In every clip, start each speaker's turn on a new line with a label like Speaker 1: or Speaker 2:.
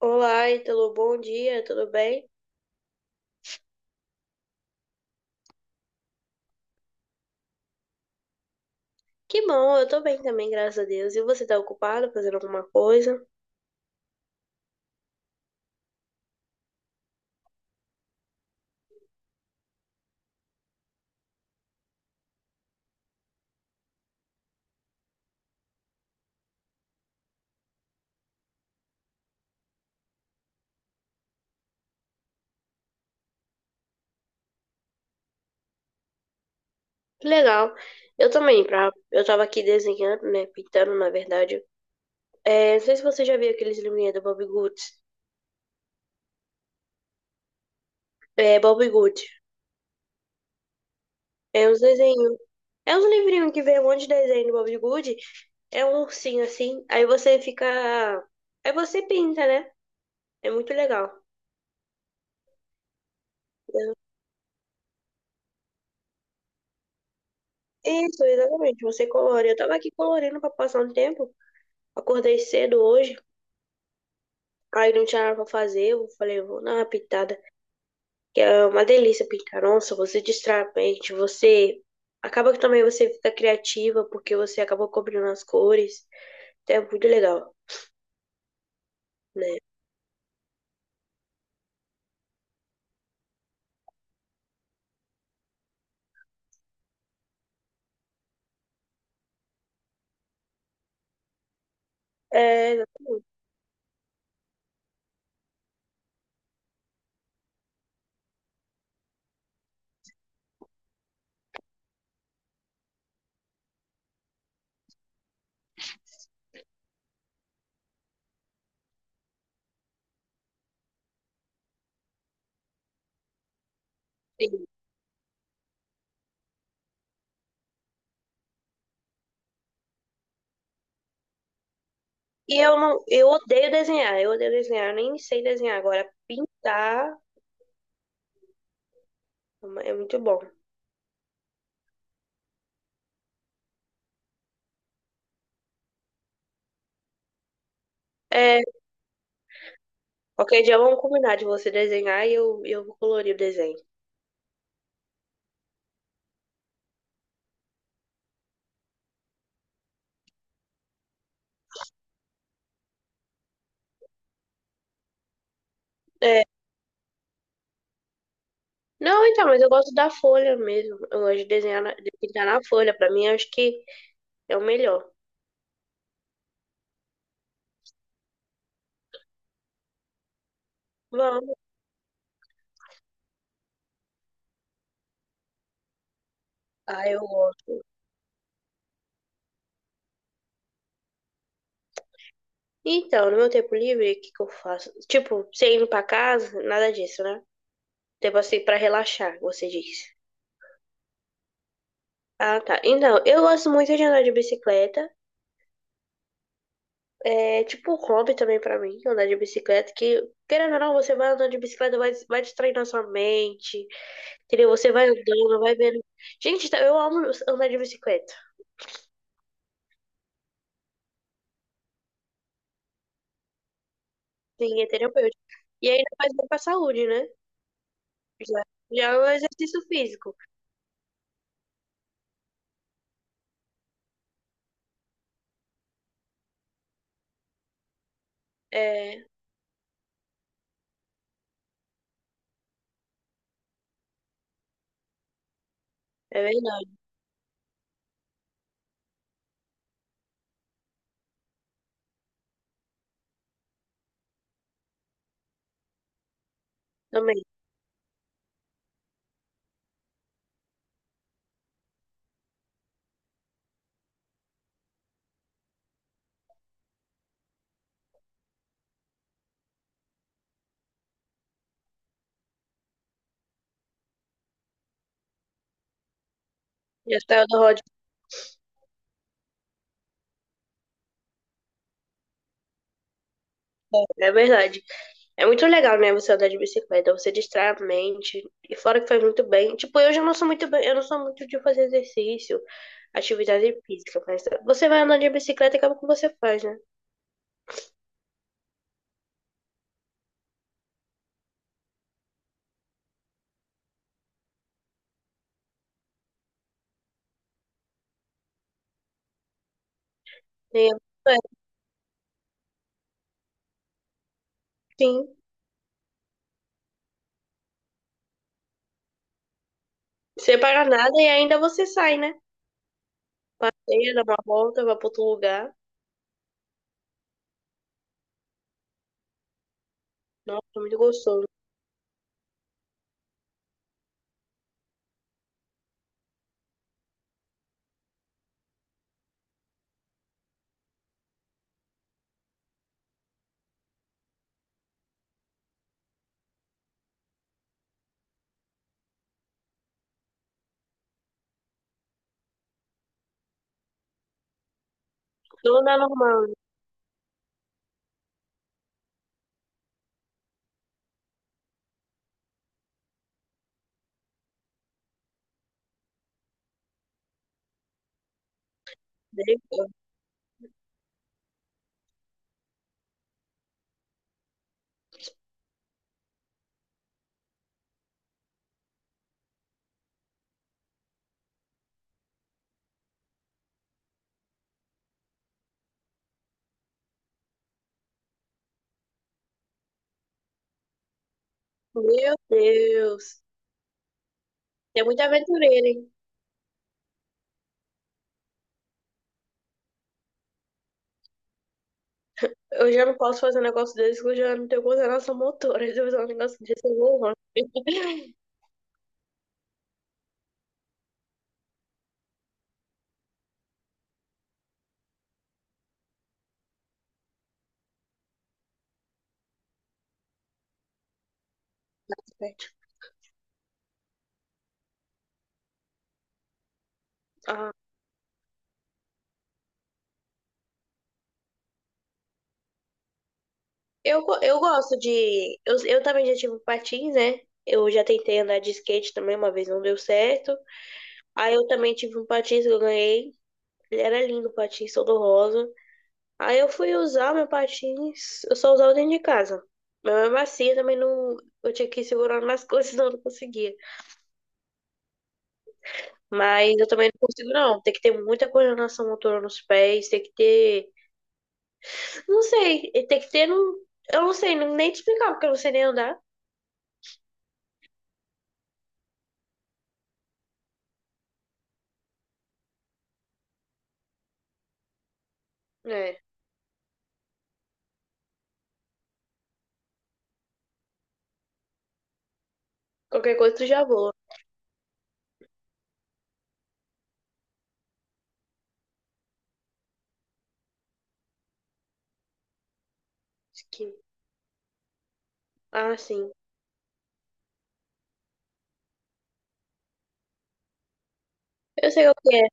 Speaker 1: Olá, Ítalo, bom dia, tudo bem? Que bom, eu tô bem também, graças a Deus. E você tá ocupado fazendo alguma coisa? Que legal. Eu também, pra... eu tava aqui desenhando, né, pintando, na verdade. É, não sei se você já viu aqueles livrinhos do Bob Goods. É, Bob Good. É uns desenhos. É uns livrinhos que vem um monte de desenho do Bob Good. É um ursinho assim, aí você fica... Aí você pinta, né? É muito legal. Isso, exatamente, você colore. Eu tava aqui colorindo pra passar um tempo. Acordei cedo hoje. Aí não tinha nada pra fazer, eu falei, vou dar uma pintada, que é uma delícia pintar onça, você distrai a mente, você acaba que também você fica criativa, porque você acaba cobrindo as cores, então é muito legal, né? É, exatamente. Sim. E eu não, eu odeio desenhar, eu odeio desenhar, eu nem sei desenhar agora, pintar é muito bom. É, qualquer dia vamos combinar de você desenhar e eu vou colorir o desenho. É, não, então, mas eu gosto da folha mesmo. Eu gosto de desenhar, na- de pintar na folha. Pra mim, eu acho que é o melhor. Vamos. Ah, eu gosto. Então, no meu tempo livre, o que que eu faço? Tipo, você indo pra casa, nada disso, né? Tipo assim, pra relaxar, você disse. Ah, tá. Então, eu gosto muito de andar de bicicleta. É tipo um hobby também pra mim, andar de bicicleta, que, querendo ou não, você vai andando de bicicleta, vai distraindo a sua mente, entendeu? Você vai andando, vai vendo. Gente, tá- eu amo andar de bicicleta. Sim, é terapêutico. E ainda faz bem pra saúde, né? Já, já é um exercício físico. É, é verdade. Também. Já saiu do roda de bicicleta, é verdade. É muito legal, né, você andar de bicicleta, você distrai a mente, e fora que faz muito bem. Tipo, eu já não sou muito bem, eu não sou muito de fazer exercício, atividade física, mas você vai andar de bicicleta e acaba com o que você faz, né? E é, sim, você paga nada e ainda você sai, né? Passeia, dá uma volta, vai pra outro lugar. Nossa, é muito gostoso. Tudo na normal, né? Meu Deus. É muito aventureiro, hein? Eu já não posso fazer um negócio desse, que eu já não tenho coordenação motora. Se eu fizer um negócio desse, eu vou longe, gente. Ah, eu gosto de. Eu também já tive um patins, né? Eu já tentei andar de skate também, uma vez não deu certo. Aí eu também tive um patins que eu ganhei. Ele era lindo, o patins todo rosa. Aí eu fui usar meu patins, eu só usava dentro de casa. Mas mesmo assim, eu também não. Eu tinha que ir segurando nas coisas, senão eu não conseguia. Mas eu também não consigo, não. Tem que ter muita coordenação motora nos pés, tem que ter não sei, tem que ter um. Eu não sei nem te explicar, porque eu não sei nem andar. É. Qualquer coisa tu já voa. Acho que- Ah, sim. Eu sei o que é.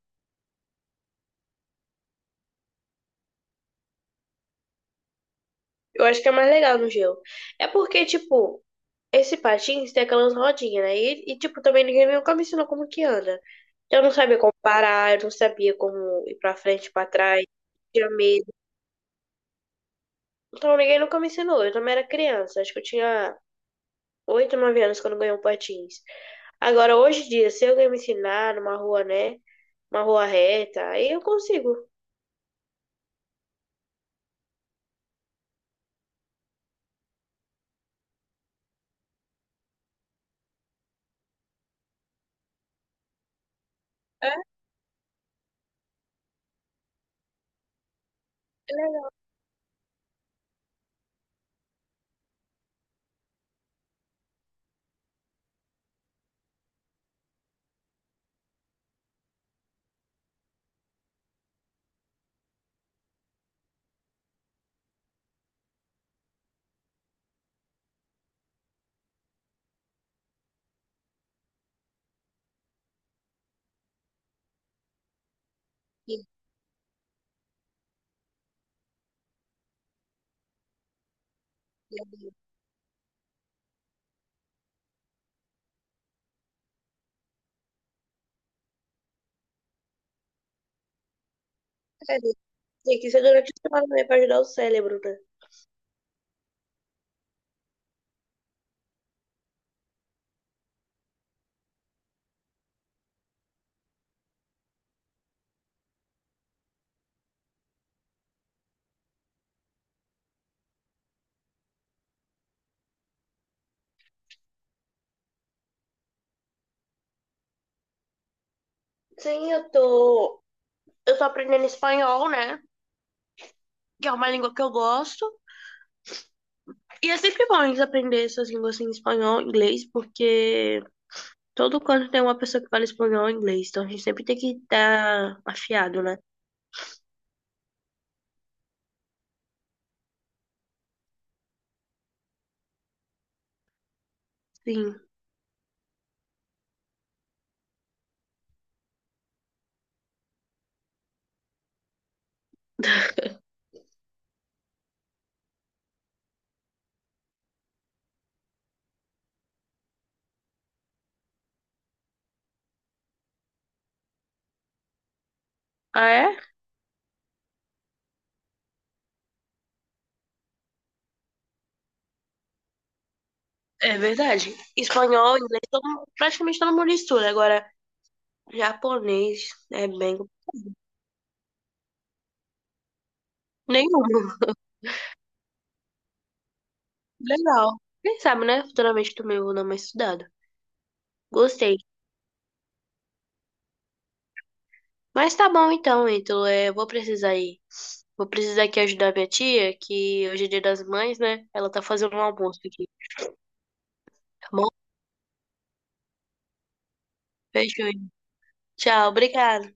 Speaker 1: Eu acho que é mais legal no gelo. É porque, tipo, esse patins tem aquelas rodinhas, né? E tipo, também ninguém nunca me ensinou como que anda. Eu não sabia como parar, eu não sabia como ir pra frente, pra trás. Tinha medo. Então ninguém nunca me ensinou. Eu também era criança. Acho que eu tinha 8 9 anos quando eu ganhei o patins. Agora, hoje em dia, se alguém me ensinar numa rua, né? Uma rua reta, aí eu consigo. É, é legal. É, tem que ser durante a semana, né, pra ajudar o cérebro, né? Sim, eu tô. Eu tô aprendendo espanhol, né? Que é uma língua que eu gosto. E é sempre bom eles aprender essas línguas assim, espanhol, inglês, porque todo canto tem uma pessoa que fala espanhol ou inglês. Então a gente sempre tem que estar afiado, né? Sim. Ah, é? É verdade. Espanhol, inglês, todo mundo- praticamente todo mundo estuda. Agora, japonês é bem. Nenhum. Legal. Quem sabe, né? Futuramente também eu vou dar uma estudada. Gostei. Mas tá bom então, Ítalo. É, eu vou precisar ir. Vou precisar aqui ajudar minha tia, que hoje é dia das mães, né? Ela tá fazendo um almoço aqui, tá bom? Beijo. Tchau, obrigada.